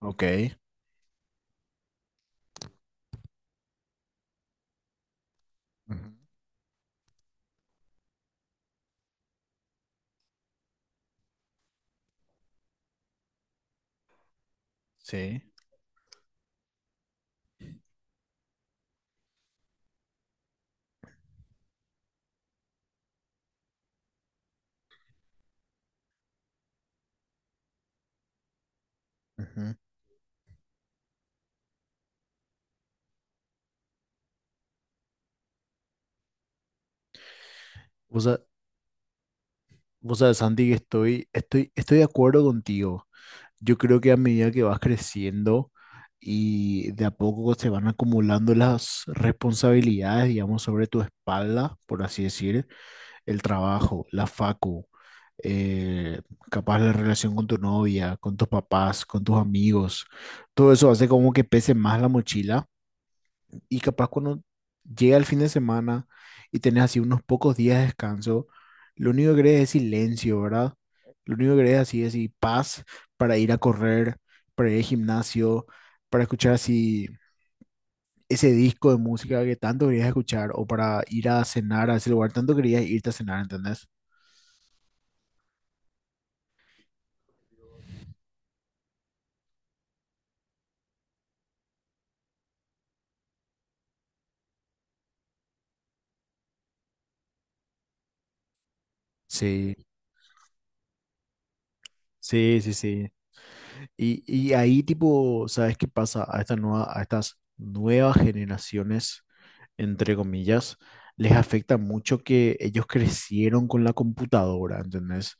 Ok, ujú, sí. Ujú. Vos, sa- Vos sabés, Santi, que estoy de acuerdo contigo. Yo creo que a medida que vas creciendo y de a poco se van acumulando las responsabilidades, digamos, sobre tu espalda, por así decir, el trabajo, la facu, eh, capaz la relación con tu novia, con tus papás, con tus amigos, todo eso hace como que pese más la mochila. Y capaz cuando llega el fin de semana y tenés así unos pocos días de descanso, lo único que querés es silencio, ¿verdad? Lo único que querés así es así, paz para ir a correr, para ir al gimnasio, para escuchar así ese disco de música que tanto querías escuchar o para ir a cenar a ese lugar, tanto querías irte a cenar, ¿entendés? Sí, sí, sí, sí. Y ahí tipo, ¿sabes qué pasa? A esta nueva, a estas nuevas generaciones, entre comillas, les afecta mucho que ellos crecieron con la computadora, ¿entendés?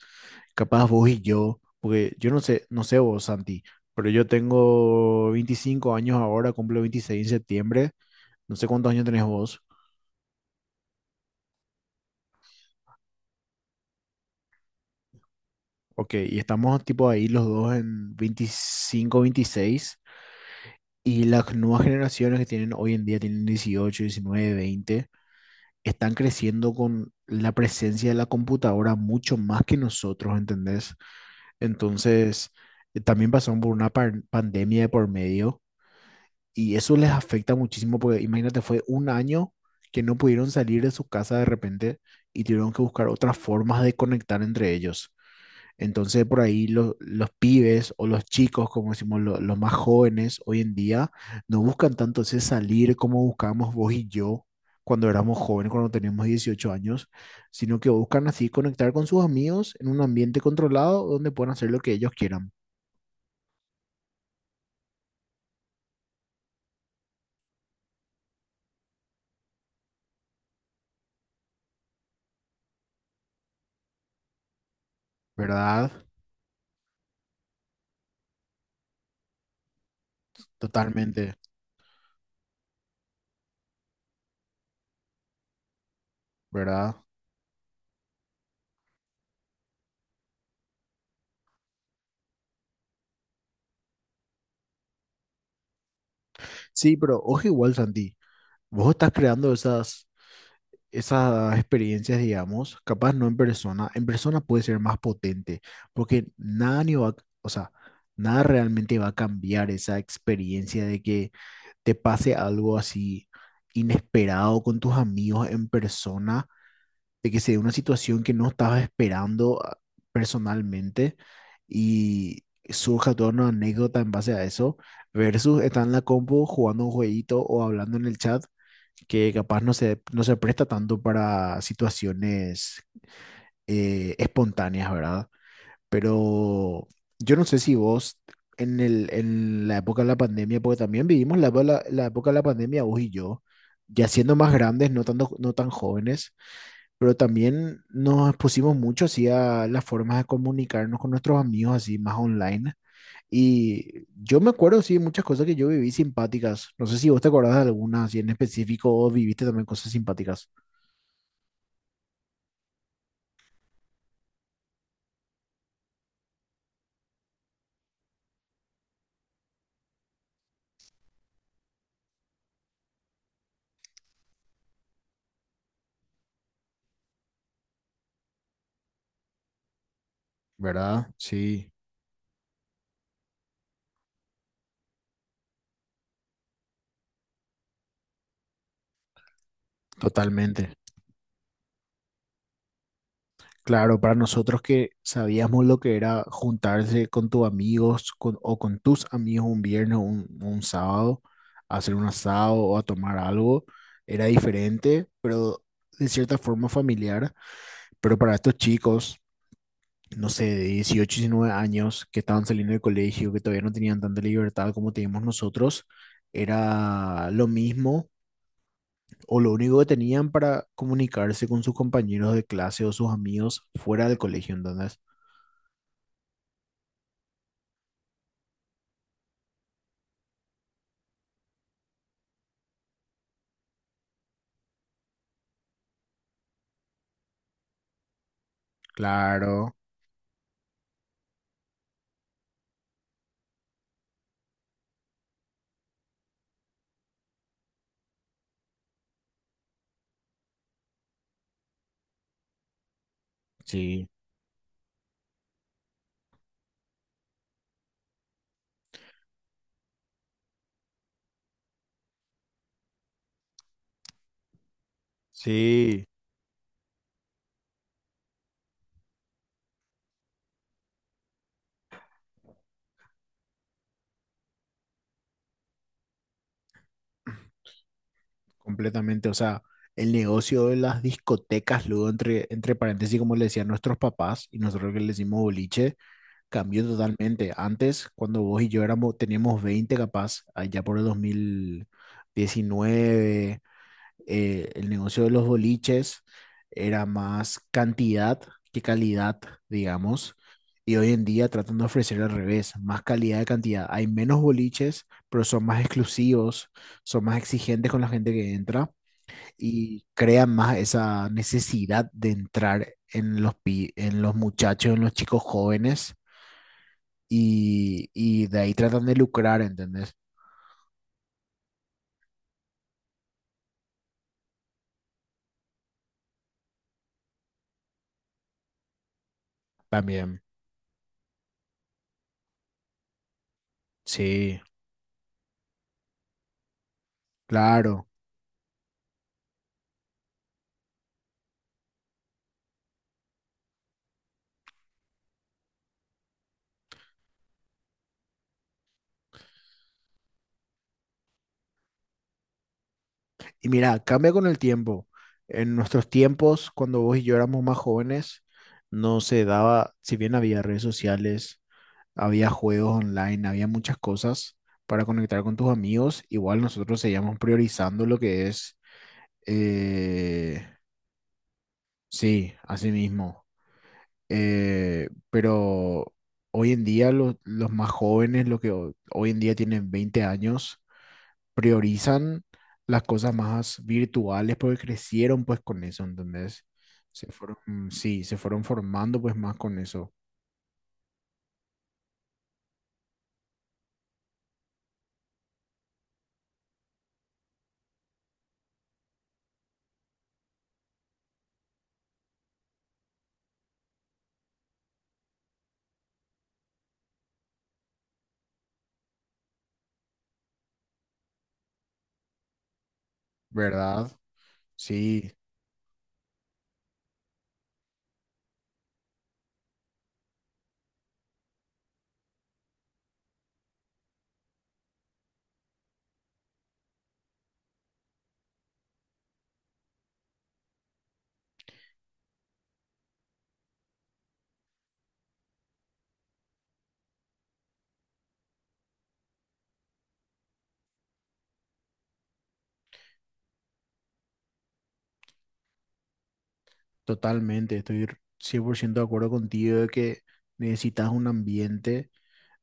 Capaz vos y yo, porque yo no sé, no sé vos, Santi, pero yo tengo 25 años ahora, cumplo 26 en septiembre, no sé cuántos años tenés vos. Ok, y estamos tipo ahí los dos en 25, 26, y las nuevas generaciones que tienen hoy en día tienen 18, 19, 20. Están creciendo con la presencia de la computadora mucho más que nosotros, ¿entendés? Entonces, también pasaron por una pandemia de por medio y eso les afecta muchísimo porque imagínate, fue un año que no pudieron salir de su casa de repente y tuvieron que buscar otras formas de conectar entre ellos. Entonces, por ahí los pibes o los chicos, como decimos, los más jóvenes hoy en día, no buscan tanto ese salir como buscábamos vos y yo cuando éramos jóvenes, cuando teníamos 18 años, sino que buscan así conectar con sus amigos en un ambiente controlado donde puedan hacer lo que ellos quieran, ¿verdad? Totalmente, ¿verdad? Sí, pero ojo igual, Santi, vos estás creando esas esas experiencias, digamos, capaz no en persona, en persona puede ser más potente, porque nada ni va, o sea, nada realmente va a cambiar esa experiencia de que te pase algo así inesperado con tus amigos en persona de que se dé una situación que no estabas esperando ah, personalmente, y surja toda una anécdota en base a eso, versus estar en la compu jugando un jueguito o hablando en el chat, que capaz no se presta tanto para situaciones espontáneas, ¿verdad? Pero yo no sé si vos en el, en la época de la pandemia, porque también vivimos la época de la pandemia, vos y yo, ya siendo más grandes, no tanto, no tan jóvenes, pero también nos pusimos mucho así a las formas de comunicarnos con nuestros amigos así más online. Y yo me acuerdo, sí, muchas cosas que yo viví simpáticas. No sé si vos te acordás de algunas así en específico o viviste también cosas simpáticas. ¿Verdad? Sí, totalmente. Claro, para nosotros que sabíamos lo que era juntarse con tus amigos con- o con tus amigos un viernes o un sábado, a hacer un asado o a tomar algo, era diferente, pero de cierta forma familiar. Pero para estos chicos, no sé, de 18, 19 años, que estaban saliendo del colegio, que todavía no tenían tanta libertad como teníamos nosotros, era lo mismo o lo único que tenían para comunicarse con sus compañeros de clase o sus amigos fuera del colegio, entonces. Claro, sí, sí, completamente. O sea, el negocio de las discotecas, luego entre, entre paréntesis, como le decían nuestros papás y nosotros que le decimos boliche, cambió totalmente. Antes, cuando vos y yo éramos, teníamos 20 capaz, allá por el 2019, el negocio de los boliches era más cantidad que calidad, digamos. Y hoy en día tratan de ofrecer al revés, más calidad de cantidad. Hay menos boliches, pero son más exclusivos, son más exigentes con la gente que entra, y crean más esa necesidad de entrar en los, en los muchachos, en los chicos jóvenes, y de ahí tratan de lucrar, ¿entendés? También, sí. Claro. Y mira, cambia con el tiempo. En nuestros tiempos, cuando vos y yo éramos más jóvenes, no se daba, si bien había redes sociales, había juegos online, había muchas cosas para conectar con tus amigos, igual nosotros seguíamos priorizando lo que es, eh, sí, así mismo. Pero hoy en día los más jóvenes, los que hoy en día tienen 20 años, priorizan las cosas más virtuales porque crecieron pues con eso, ¿entendés? Se fueron, mm, sí, se fueron formando pues más con eso, ¿verdad? Sí, totalmente, estoy 100% de acuerdo contigo de que necesitas un ambiente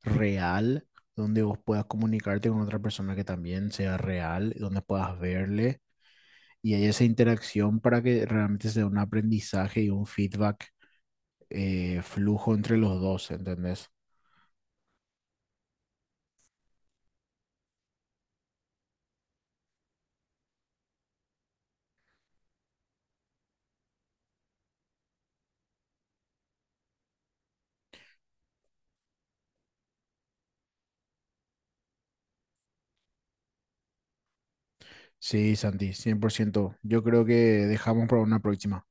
real donde vos puedas comunicarte con otra persona que también sea real, donde puedas verle, y hay esa interacción para que realmente sea un aprendizaje y un feedback flujo entre los dos, ¿entendés? Sí, Santi, 100%. Yo creo que dejamos para una próxima.